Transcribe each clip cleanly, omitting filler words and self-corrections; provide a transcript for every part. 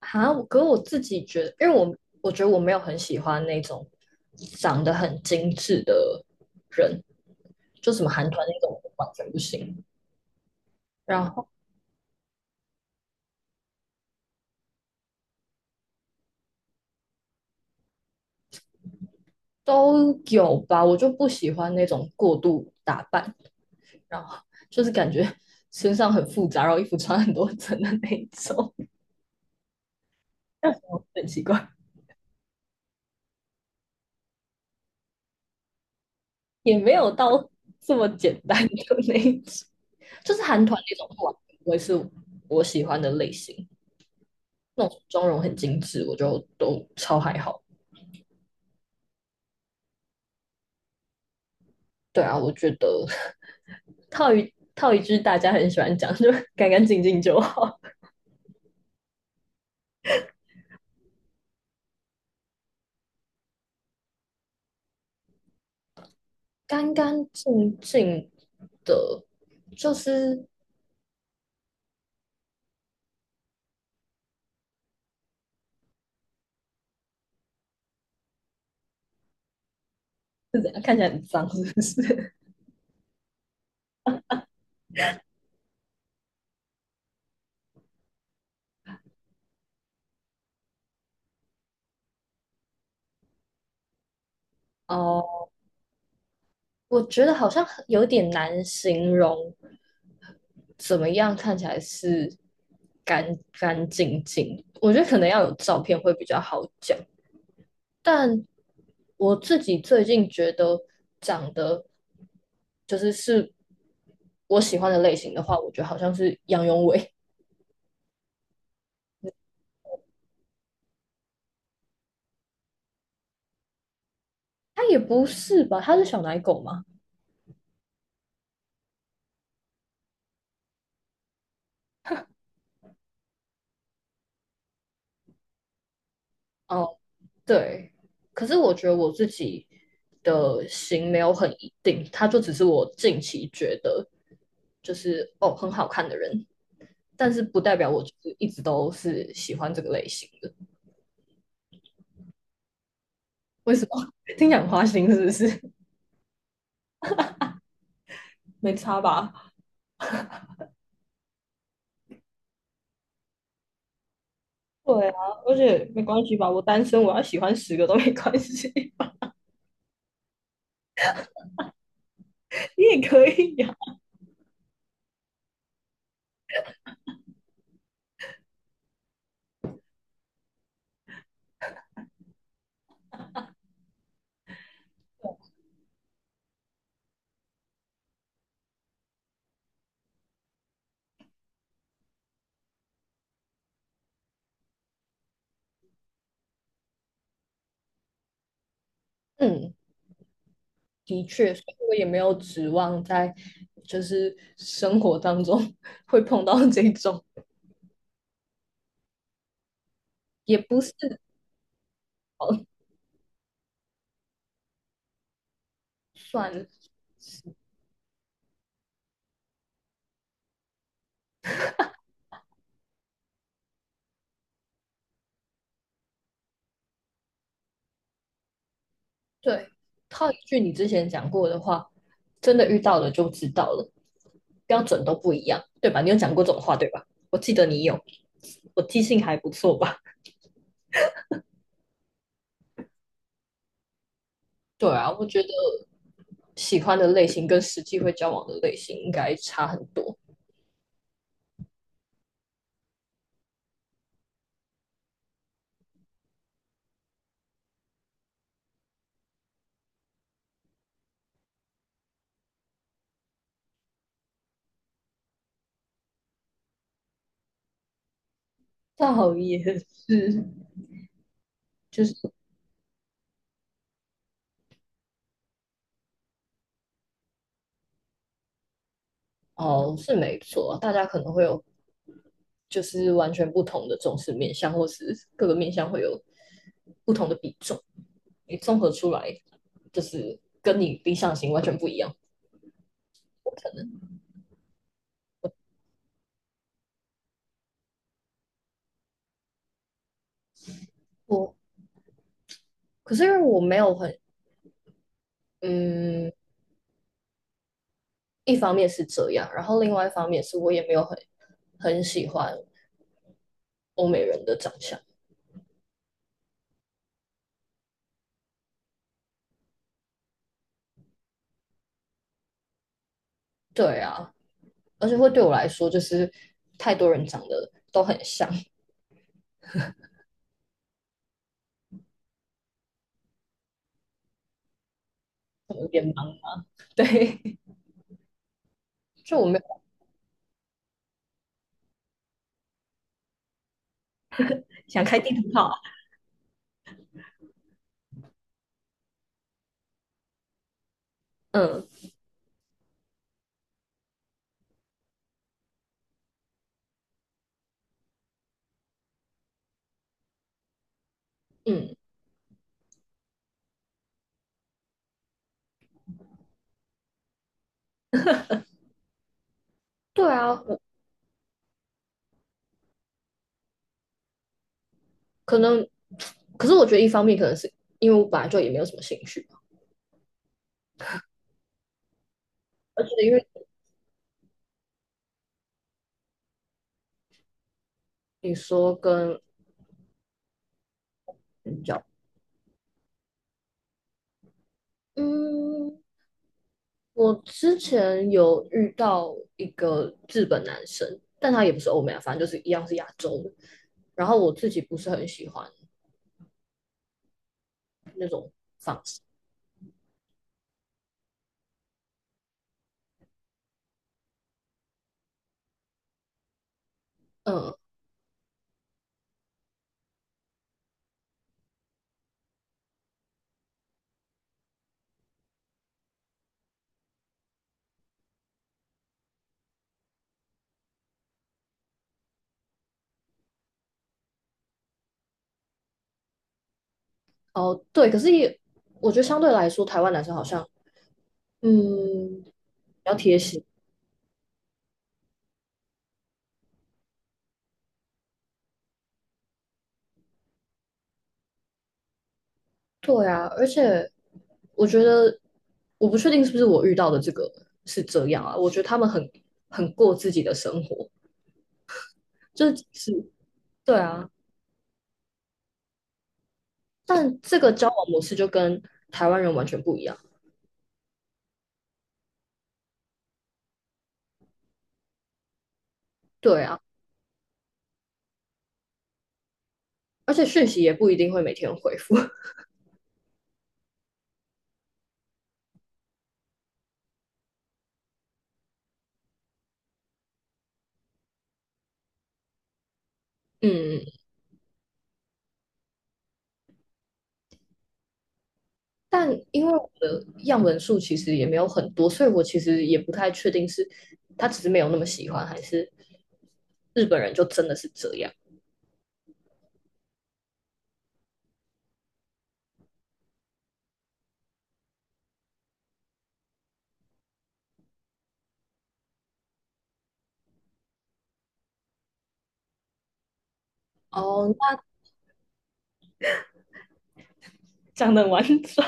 哈，我自己觉得，因为我我觉得我没有很喜欢那种长得很精致的人，就什么韩团那种我完全不行。然后都有吧，我就不喜欢那种过度打扮，然后就是感觉身上很复杂，然后衣服穿很多层的那一种，很奇怪，也没有到这么简单的那一种，就是韩团那种话，不会是我喜欢的类型。那种妆容很精致，我就都超还好。对啊，我觉得套一句大家很喜欢讲，就干干净净就好，干干净净的，就是 是怎样看起来很脏，是不是？哦，我觉得好像有点难形容，怎么样看起来是干干净净？我觉得可能要有照片会比较好讲。但我自己最近觉得长得就是我喜欢的类型的话，我觉得好像是杨永伟，他也不是吧？他是小奶狗吗？哦，对。可是我觉得我自己的型没有很一定，他就只是我近期觉得就是哦很好看的人，但是不代表我就是一直都是喜欢这个类型的。为什么？听讲花心是不是？没差吧？对啊，而且没关系吧，我单身，我要喜欢10个都没关系，你也可以呀、嗯，的确，所以我也没有指望在就是生活当中 会碰到这种，也不是哦，算了，对，套一句你之前讲过的话，真的遇到了就知道了，标准都不一样，对吧？你有讲过这种话，对吧？我记得你有，我记性还不错吧？对啊，我觉得喜欢的类型跟实际会交往的类型应该差很多。倒也是，就是哦，是没错，大家可能会有就是完全不同的重视面向，或是各个面向会有不同的比重。你综合出来，就是跟你理想型完全不一样。我可是因为我没有很嗯，一方面是这样，然后另外一方面是我也没有很喜欢欧美人的长相。对啊，而且会对我来说，就是太多人长得都很像，有点忙。对，就我没有 想开地图炮啊？嗯嗯，对啊，我可能，可是我觉得一方面可能是因为我本来就也没有什么兴趣，而且因为你说跟嗯家嗯，我之前有遇到一个日本男生，但他也不是欧美啊，反正就是一样是亚洲的。然后我自己不是很喜欢那种方式，嗯嗯哦，对，可是也，我觉得相对来说，台湾男生好像，嗯，比较贴心。对啊，而且我觉得，我不确定是不是我遇到的这个是这样啊。我觉得他们很过自己的生活，就是对啊。但这个交往模式就跟台湾人完全不一样。对啊，而且讯息也不一定会每天回复。嗯，但因为我的样本数其实也没有很多，所以我其实也不太确定是他只是没有那么喜欢，还是日本人就真的是这样。哦，那 讲的完整，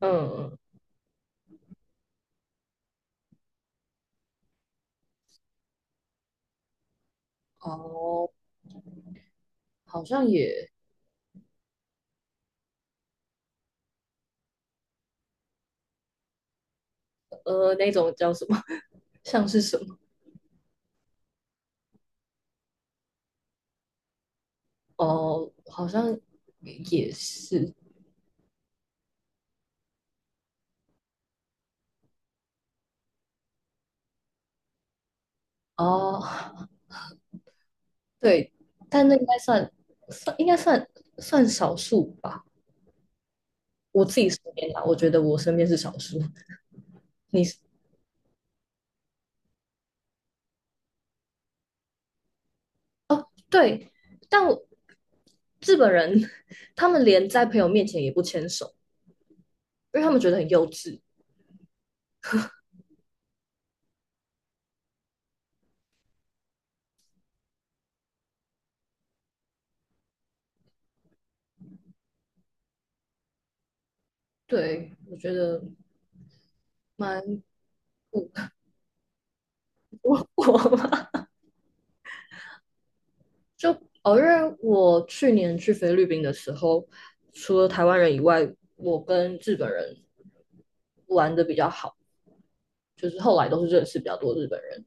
嗯，哦，好像也呃，那种叫什么，像是什么？哦，好像也是哦，对，但那应该算应该算少数吧。我自己身边啦，我觉得我身边是少数。你对，但我日本人他们连在朋友面前也不牵手，因为他们觉得很幼稚。对，我觉得蛮不 我嘛，就哦，因为我去年去菲律宾的时候，除了台湾人以外，我跟日本人玩的比较好，就是后来都是认识比较多日本人。